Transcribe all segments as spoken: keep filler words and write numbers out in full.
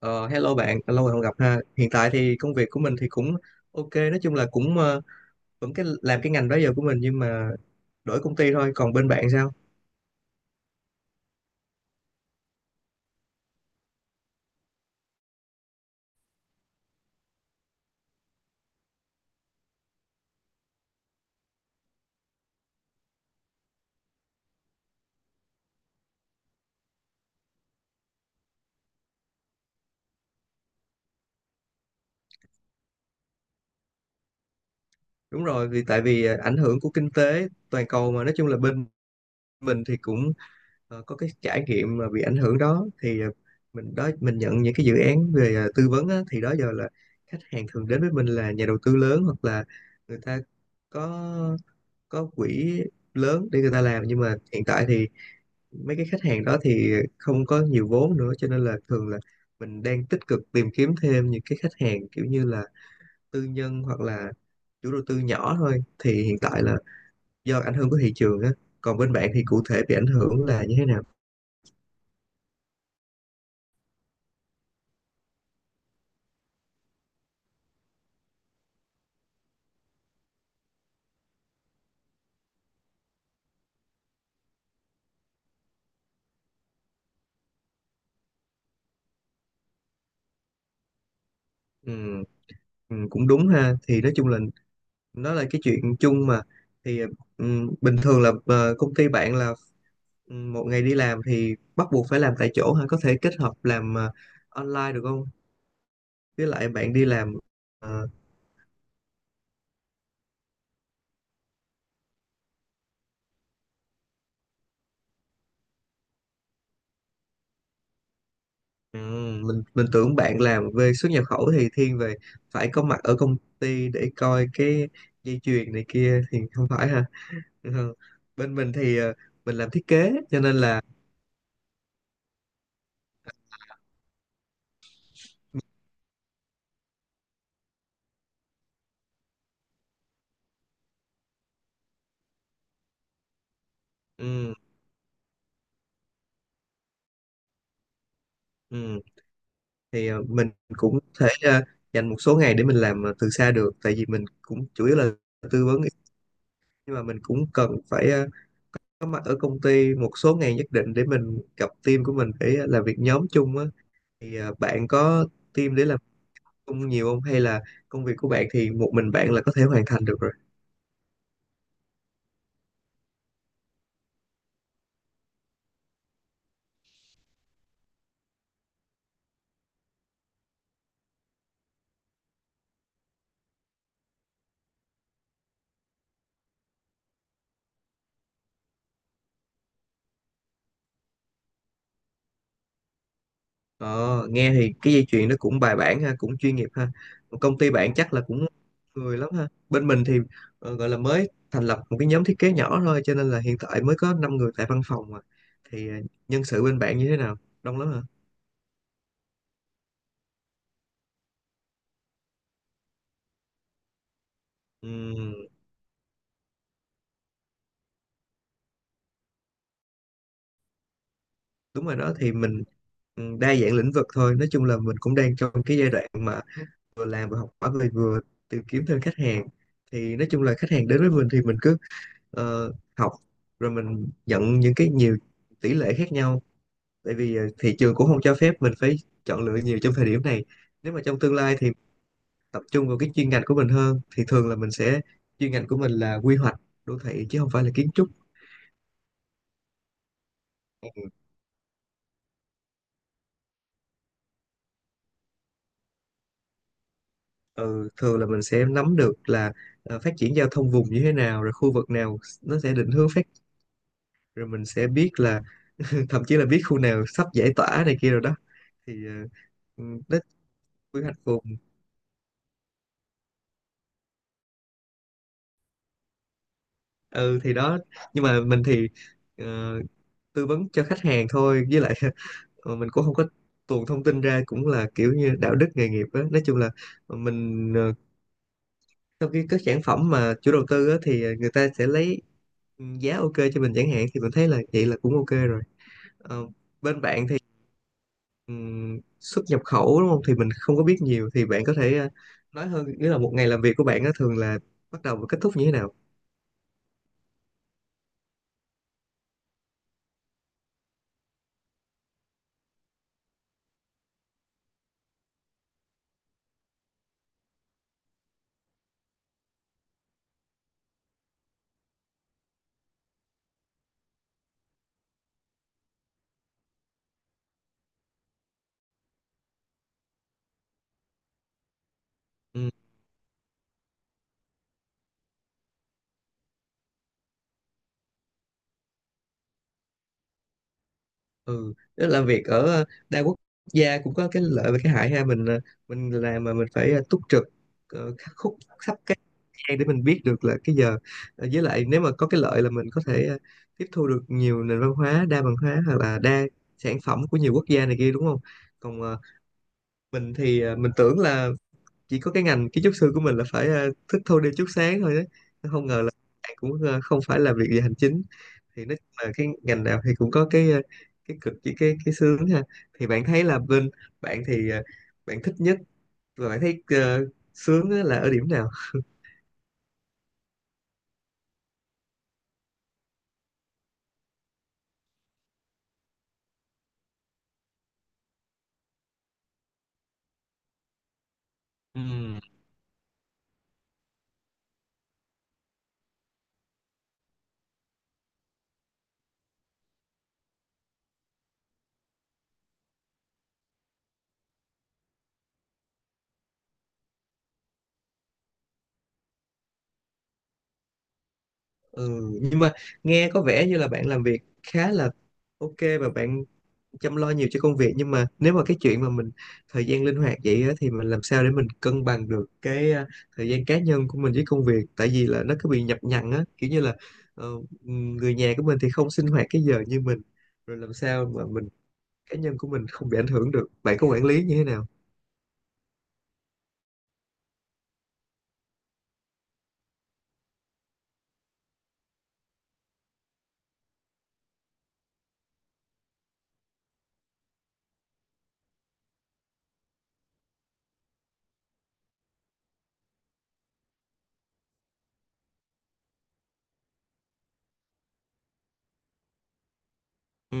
Ờ, Hello bạn, lâu rồi không gặp ha. Hiện tại thì công việc của mình thì cũng ok, nói chung là cũng ờ, vẫn cái làm cái ngành đó giờ của mình nhưng mà đổi công ty thôi. Còn bên bạn sao? Đúng rồi, vì tại vì ờ, ảnh hưởng của kinh tế toàn cầu mà nói chung là bên mình thì cũng ờ, có cái trải nghiệm mà bị ảnh hưởng đó thì ờ, mình đó mình nhận những cái dự án về ờ, tư vấn á, thì đó giờ là khách hàng thường đến với mình là nhà đầu tư lớn hoặc là người ta có có quỹ lớn để người ta làm, nhưng mà hiện tại thì mấy cái khách hàng đó thì không có nhiều vốn nữa cho nên là thường là mình đang tích cực tìm kiếm thêm những cái khách hàng kiểu như là tư nhân hoặc là chủ đầu tư nhỏ thôi, thì hiện tại là do ảnh hưởng của thị trường á. Còn bên bạn thì cụ thể bị ảnh hưởng là như thế nào? Ừ, ừ, cũng đúng ha. Thì nói chung là nó là cái chuyện chung mà. Thì ừ, bình thường là ờ, công ty bạn là ừ, một ngày đi làm thì bắt buộc phải làm tại chỗ ha, có thể kết hợp làm ờ, online được không, với lại bạn đi làm ờ, ừ? Mình mình tưởng bạn làm về xuất nhập khẩu thì thiên về phải có mặt ở công ty để coi cái dây chuyền này kia, thì không phải ha. Ừ. Bên mình thì ờ, mình làm thiết kế cho nên là ừ, ừ, thì ờ, mình cũng thể ờ, dành một số ngày để mình làm ờ, từ xa được, tại vì mình cũng chủ yếu là tư vấn, nhưng mà mình cũng cần phải ờ, có mặt ở công ty một số ngày nhất định để mình gặp team của mình, để ờ, làm việc nhóm chung á. Thì ờ, bạn có team để làm không nhiều không? Hay là công việc của bạn thì một mình bạn là có thể hoàn thành được rồi? Ờ, nghe thì cái dây chuyền nó cũng bài bản ha, cũng chuyên nghiệp ha. Còn công ty bạn chắc là cũng người lắm ha. Bên mình thì ờ, gọi là mới thành lập một cái nhóm thiết kế nhỏ thôi, cho nên là hiện tại mới có năm người tại văn phòng mà. Thì ờ, nhân sự bên bạn như thế nào? Đông lắm hả? Ừm, đúng rồi đó. Thì mình ừm, đa dạng lĩnh vực thôi. Nói chung là mình cũng đang trong cái giai đoạn mà vừa làm vừa học hỏi, vừa vừa tìm kiếm thêm khách hàng. Thì nói chung là khách hàng đến với mình thì mình cứ ờ, học, rồi mình nhận những cái nhiều tỷ lệ khác nhau, tại vì ờ, thị trường cũng không cho phép mình phải chọn lựa nhiều trong thời điểm này. Nếu mà trong tương lai thì tập trung vào cái chuyên ngành của mình hơn, thì thường là mình sẽ chuyên ngành của mình là quy hoạch đô thị chứ không phải là kiến trúc. Ừ, thường là mình sẽ nắm được là ờ, phát triển giao thông vùng như thế nào, rồi khu vực nào nó sẽ định hướng phát, rồi mình sẽ biết là thậm chí là biết khu nào sắp giải tỏa này kia rồi đó. Thì ờ, ừ, đất quy hoạch phù. Ừ thì đó, nhưng mà mình thì ờ, tư vấn cho khách hàng thôi, với lại ờ, mình cũng không có tuồn thông tin ra, cũng là kiểu như đạo đức nghề nghiệp á. Nói chung là mình ờ, sau khi có sản phẩm mà chủ đầu tư á thì người ta sẽ lấy giá ok cho mình chẳng hạn, thì mình thấy là vậy là cũng ok rồi. Ờ, bên bạn thì ừm, xuất nhập khẩu đúng không, thì mình không có biết nhiều, thì bạn có thể ờ, nói hơn, nghĩa là một ngày làm việc của bạn á thường là bắt đầu và kết thúc như thế nào. Ừ. Ừ, tức là việc ở đa quốc gia cũng có cái lợi và cái hại ha. Mình ờ, mình làm mà mình phải ờ, túc trực ờ, khắc khúc sắp cái gian để mình biết được là cái giờ. Ờ, với lại nếu mà có cái lợi là mình có thể ờ, tiếp thu được nhiều nền văn hóa, đa văn hóa, hoặc là đa sản phẩm của nhiều quốc gia này kia đúng không. Còn ờ, mình thì ờ, mình tưởng là chỉ có cái ngành kiến trúc sư của mình là phải ờ, thức thâu đêm chút sáng thôi đó, không ngờ là cũng ờ, không phải là việc về hành chính. Thì nói chung là cái ngành nào thì cũng có cái ờ, cái cực với cái cái sướng ha. Thì bạn thấy là bên bạn thì ờ, bạn thích nhất và bạn thấy ờ, sướng á là ở điểm nào? Ừm. Ừ, nhưng mà nghe có vẻ như là bạn làm việc khá là ok và bạn chăm lo nhiều cho công việc. Nhưng mà nếu mà cái chuyện mà mình thời gian linh hoạt vậy á, thì mình làm sao để mình cân bằng được cái à, thời gian cá nhân của mình với công việc, tại vì là nó cứ bị nhập nhằng á, kiểu như là ờ, người nhà của mình thì không sinh hoạt cái giờ như mình, rồi làm sao mà mình cá nhân của mình không bị ảnh hưởng, được bạn có quản lý như thế nào? Ừ.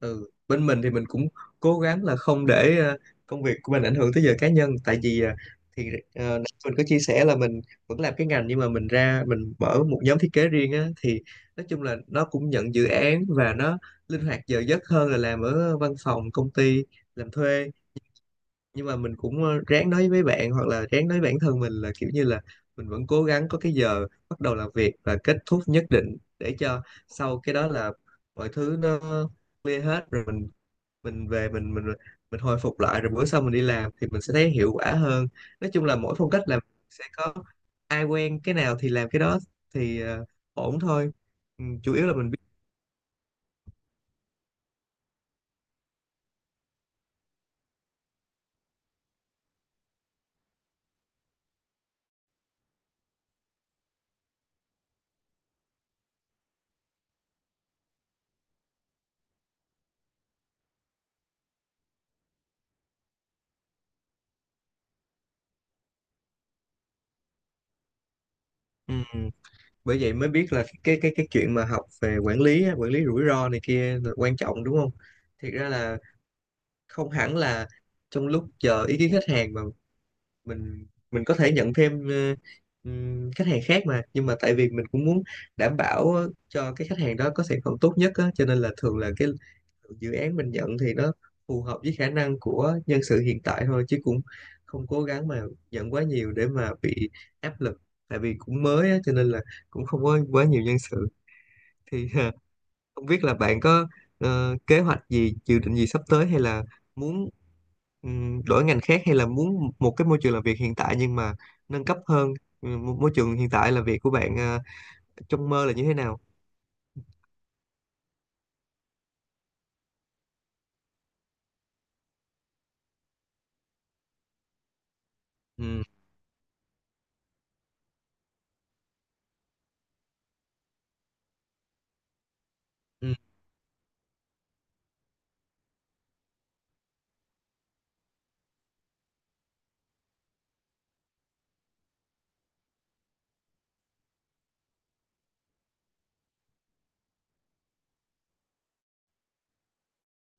Ừ, bên mình thì mình cũng cố gắng là không để ờ, công việc của mình ảnh hưởng tới giờ cá nhân, tại vì ờ, thì ờ, nãy mình có chia sẻ là mình vẫn làm cái ngành, nhưng mà mình ra mình mở một nhóm thiết kế riêng á, thì nói chung là nó cũng nhận dự án và nó linh hoạt giờ giấc hơn là làm ở văn phòng công ty làm thuê. Nhưng mà mình cũng ờ, ráng nói với bạn hoặc là ráng nói với bản thân mình là kiểu như là mình vẫn cố gắng có cái giờ bắt đầu làm việc và kết thúc nhất định, để cho sau cái đó là mọi thứ nó clear hết rồi, mình mình về, mình mình mình hồi phục lại, rồi bữa sau mình đi làm thì mình sẽ thấy hiệu quả hơn. Nói chung là mỗi phong cách làm sẽ có, ai quen cái nào thì làm cái đó, thì ờ, ổn thôi. Ừ, chủ yếu là mình biết. Ừ, bởi vậy mới biết là cái cái cái chuyện mà học về quản lý á, quản lý rủi ro này kia là quan trọng đúng không. Thiệt ra là không hẳn là trong lúc chờ ý kiến khách hàng mà mình mình có thể nhận thêm ờ, ừm, khách hàng khác mà. Nhưng mà tại vì mình cũng muốn đảm bảo ờ, cho cái khách hàng đó có sản phẩm tốt nhất á, cho nên là thường là cái dự án mình nhận thì nó phù hợp với khả năng của nhân sự hiện tại thôi, chứ cũng không cố gắng mà nhận quá nhiều để mà bị áp lực, tại vì cũng mới á, cho nên là cũng không có quá nhiều nhân sự. Thì không biết là bạn có ờ, kế hoạch gì, dự định gì sắp tới, hay là muốn ừm, đổi ngành khác, hay là muốn một cái môi trường làm việc hiện tại nhưng mà nâng cấp hơn. Ừ, môi môi trường hiện tại là việc của bạn ờ, trong mơ là như thế nào? Ừ. Ừ.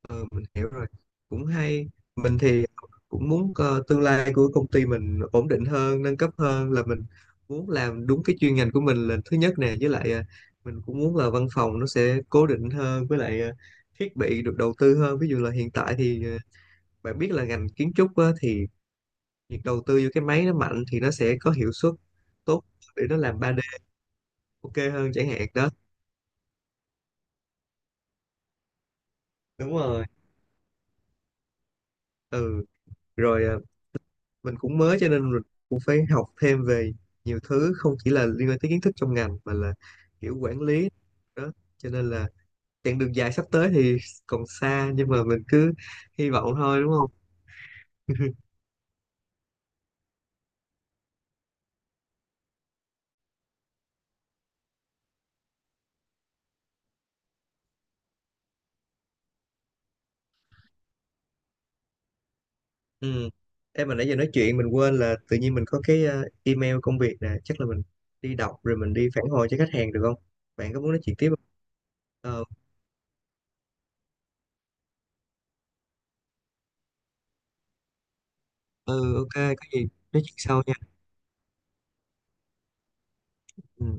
Ờ, mình hiểu rồi, cũng hay. Mình thì cũng muốn, ờ, tương lai của công ty mình ổn định hơn, nâng cấp hơn, là mình muốn làm đúng cái chuyên ngành của mình là thứ nhất nè, với lại, à, mình cũng muốn là văn phòng nó sẽ cố định hơn, với lại, à, thiết bị được đầu tư hơn. Ví dụ là hiện tại thì, ờ, bạn biết là ngành kiến trúc á, thì việc đầu tư vô cái máy nó mạnh thì nó sẽ có hiệu suất tốt để nó làm ba đê ok hơn chẳng hạn đó. Đúng rồi, ừ. Rồi, à, mình cũng mới cho nên mình cũng phải học thêm về nhiều thứ, không chỉ là liên quan tới kiến thức trong ngành mà là kiểu quản lý đó. Cho nên là chặng đường dài sắp tới thì còn xa, nhưng mà mình cứ hy vọng thôi đúng không. Ừ. Em mà nãy giờ nói chuyện mình quên là tự nhiên mình có cái ờ, email công việc nè, chắc là mình đi đọc rồi mình đi phản hồi cho khách hàng được không, bạn có muốn nói chuyện tiếp không? Ờ. Ừ, ok, có gì nói chuyện sau nha. Ừ.